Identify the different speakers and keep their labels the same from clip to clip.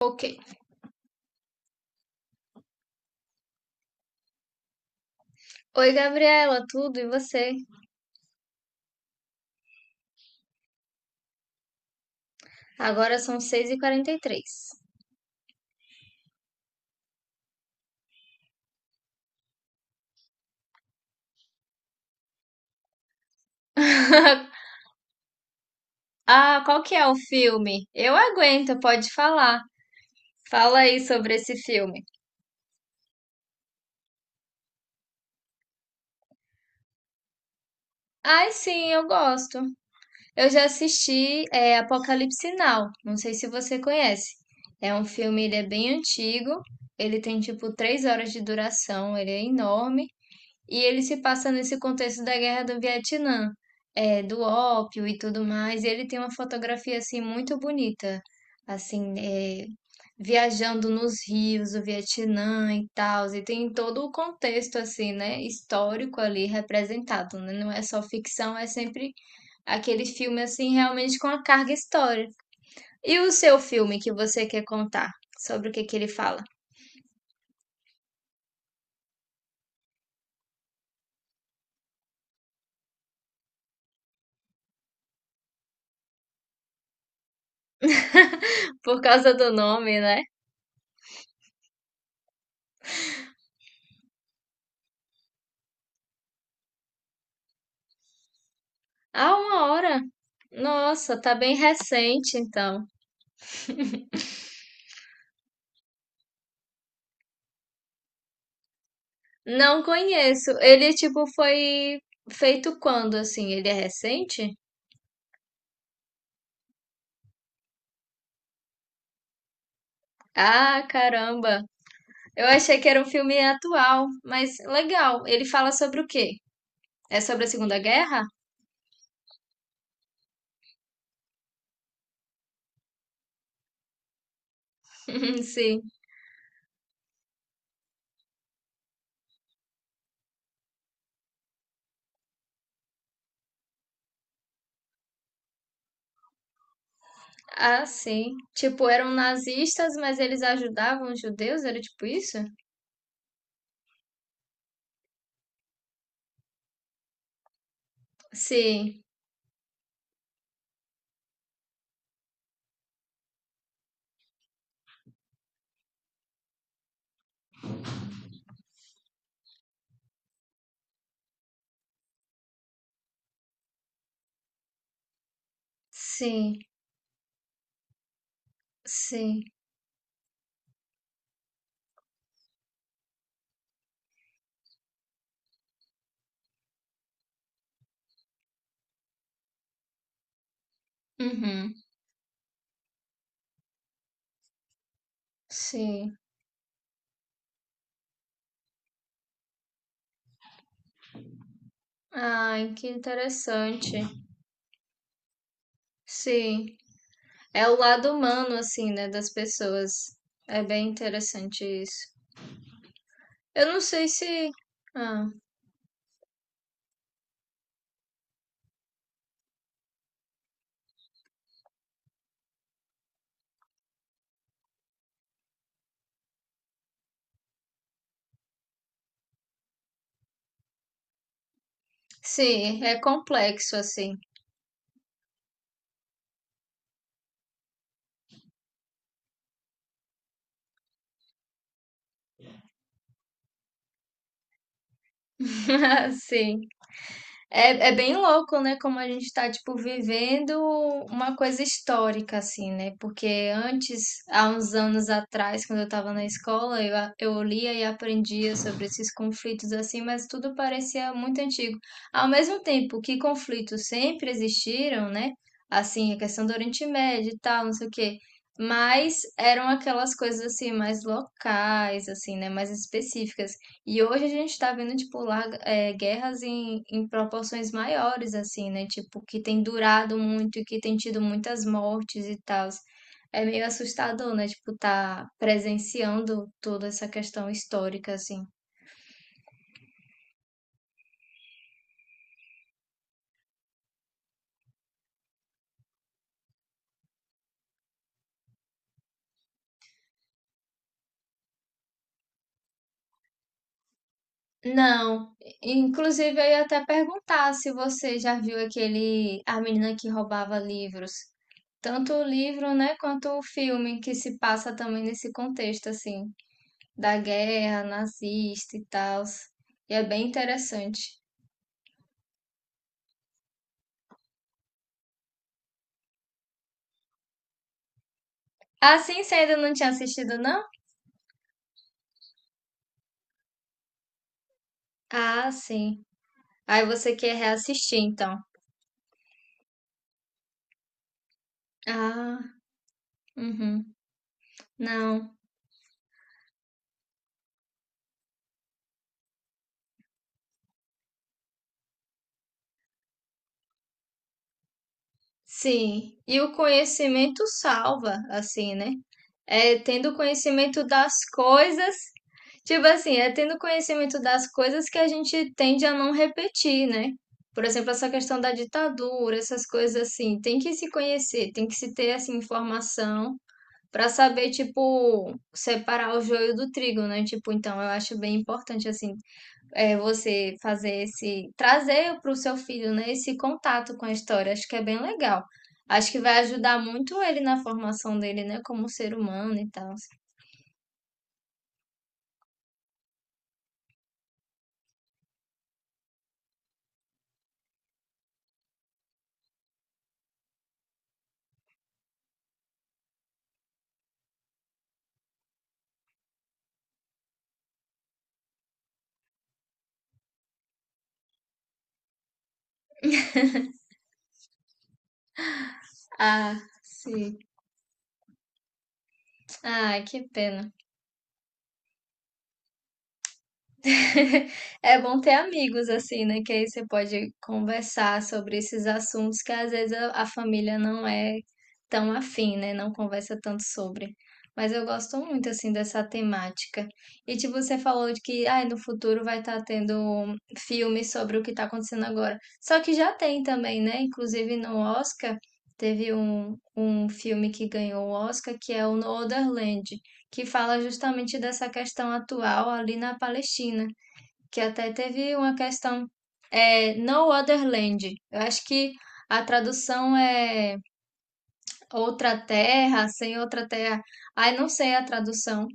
Speaker 1: Ok. Oi, Gabriela, tudo e você? Agora são 6:43. Ah, qual que é o filme? Eu aguento, pode falar. Fala aí sobre esse filme. Ai, sim, eu gosto. Eu já assisti é, Apocalipse Now, não sei se você conhece. É um filme, ele é bem antigo, ele tem tipo 3 horas de duração, ele é enorme. E ele se passa nesse contexto da Guerra do Vietnã, é do ópio e tudo mais. E ele tem uma fotografia assim muito bonita, assim, viajando nos rios do Vietnã e tal. E tem todo o contexto assim, né, histórico ali representado, né? Não é só ficção, é sempre aquele filme assim realmente com a carga histórica. E o seu filme que você quer contar? Sobre o que que ele fala? Por causa do nome, né? Ah, uma hora? Nossa, tá bem recente, então. Não conheço. Ele, tipo, foi feito quando, assim? Ele é recente? Ah, caramba. Eu achei que era um filme atual, mas legal. Ele fala sobre o quê? É sobre a Segunda Guerra? Sim. Ah, sim. Tipo, eram nazistas, mas eles ajudavam os judeus? Era tipo isso? Sim, sim, sim. Uhum, sim. Ai, que interessante. Sim. É o lado humano, assim, né, das pessoas. É bem interessante isso. Eu não sei se. Ah, sim, é complexo, assim. Sim. É, é bem louco, né? Como a gente tá, tipo, vivendo uma coisa histórica, assim, né? Porque antes, há uns anos atrás, quando eu tava na escola, eu lia e aprendia sobre esses conflitos, assim, mas tudo parecia muito antigo. Ao mesmo tempo que conflitos sempre existiram, né? Assim, a questão do Oriente Médio e tal, não sei o quê. Mas eram aquelas coisas, assim, mais locais, assim, né? Mais específicas. E hoje a gente tá vendo, tipo, guerras em proporções maiores, assim, né? Tipo, que tem durado muito e que tem tido muitas mortes e tal. É meio assustador, né? Tipo, tá presenciando toda essa questão histórica, assim. Não, inclusive eu ia até perguntar se você já viu aquele, a menina que roubava livros. Tanto o livro, né, quanto o filme que se passa também nesse contexto, assim. Da guerra nazista e tal. E é bem interessante. Ah, sim, você ainda não tinha assistido, não? Ah, sim. Aí você quer reassistir, então. Ah, uhum. Não. Sim. E o conhecimento salva, assim, né? É tendo conhecimento das coisas. Tipo assim, é tendo conhecimento das coisas que a gente tende a não repetir, né? Por exemplo, essa questão da ditadura, essas coisas assim, tem que se conhecer, tem que se ter essa informação. Pra saber, tipo, separar o joio do trigo, né? Tipo, então eu acho bem importante, assim, você fazer esse, trazer pro seu filho, né, esse contato com a história. Acho que é bem legal. Acho que vai ajudar muito ele na formação dele, né, como ser humano e tal. Ah, sim. Ai, que pena. É bom ter amigos assim, né? Que aí você pode conversar sobre esses assuntos que às vezes a família não é tão afim, né? Não conversa tanto sobre. Mas eu gosto muito assim dessa temática. E tipo, você falou de que ai, no futuro vai estar tendo um filme sobre o que está acontecendo agora. Só que já tem também, né? Inclusive no Oscar teve um filme que ganhou o Oscar, que é o No Other Land, que fala justamente dessa questão atual ali na Palestina, que até teve uma questão. É, No Other Land. Eu acho que a tradução é Outra Terra, Sem Outra Terra. Ai, não sei a tradução.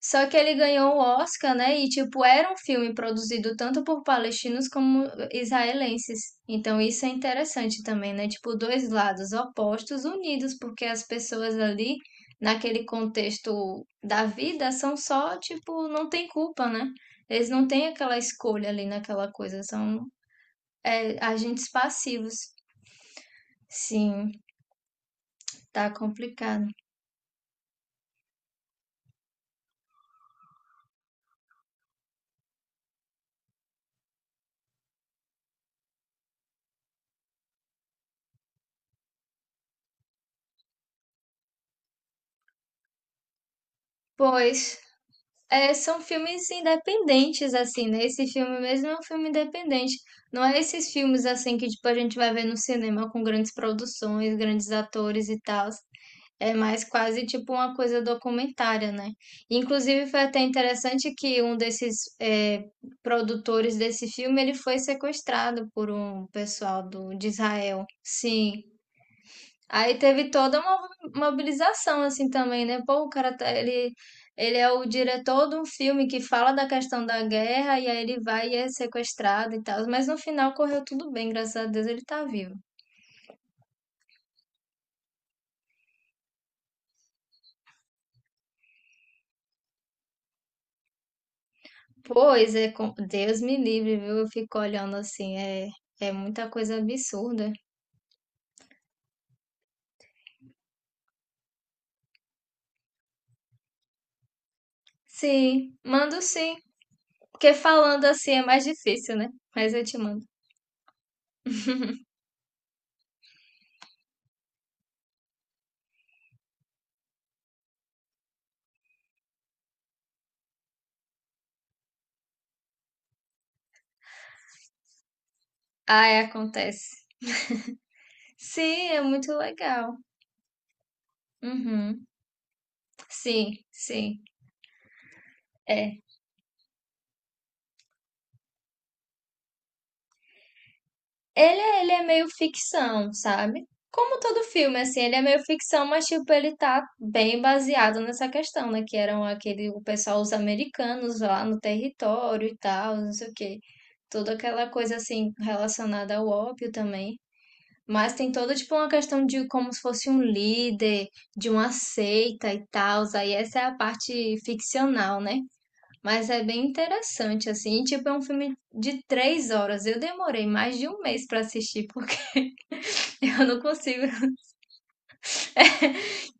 Speaker 1: Só que ele ganhou o Oscar, né? E, tipo, era um filme produzido tanto por palestinos como israelenses. Então, isso é interessante também, né? Tipo, dois lados opostos unidos, porque as pessoas ali, naquele contexto da vida, são só, tipo, não tem culpa, né? Eles não têm aquela escolha ali naquela coisa, são, agentes passivos. Sim, tá complicado. Pois. É, são filmes independentes, assim, né? Esse filme mesmo é um filme independente. Não é esses filmes, assim, que, tipo, a gente vai ver no cinema com grandes produções, grandes atores e tal. É mais quase, tipo, uma coisa documentária, né? Inclusive, foi até interessante que um desses produtores desse filme, ele foi sequestrado por um pessoal de Israel. Sim. Aí teve toda uma mobilização assim também, né? Pô, o cara tá, ele é o diretor de um filme que fala da questão da guerra e aí ele vai e é sequestrado e tal, mas no final correu tudo bem, graças a Deus ele tá vivo. Pois é, com- Deus me livre, viu? Eu fico olhando assim, é muita coisa absurda. Sim, mando sim, porque falando assim é mais difícil, né? Mas eu te mando. Ah, é, acontece. Sim, é muito legal. Uhum. Sim, sim. É, ele, ele é meio ficção, sabe? Como todo filme, assim, ele é meio ficção, mas, tipo, ele tá bem baseado nessa questão, né? Que eram aquele, o pessoal, os americanos lá no território e tal, não sei o quê. Toda aquela coisa, assim, relacionada ao ópio também. Mas tem toda, tipo, uma questão de como se fosse um líder, de uma seita e tal. Aí essa é a parte ficcional, né? Mas é bem interessante, assim. Tipo, é um filme de 3 horas. Eu demorei mais de um mês pra assistir. Eu não consigo.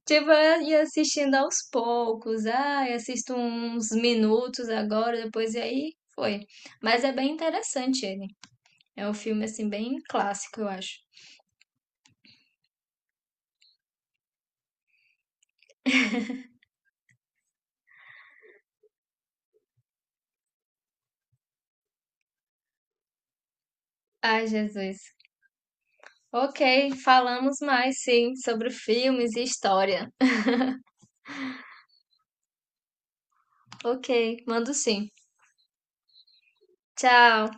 Speaker 1: Tipo, eu ia assistindo aos poucos. Ah, eu assisto uns minutos agora, depois e aí foi. Mas é bem interessante ele. É um filme, assim, bem clássico, eu acho. Ai, Jesus. Ok, falamos mais, sim, sobre filmes e história. Ok, mando sim. Tchau.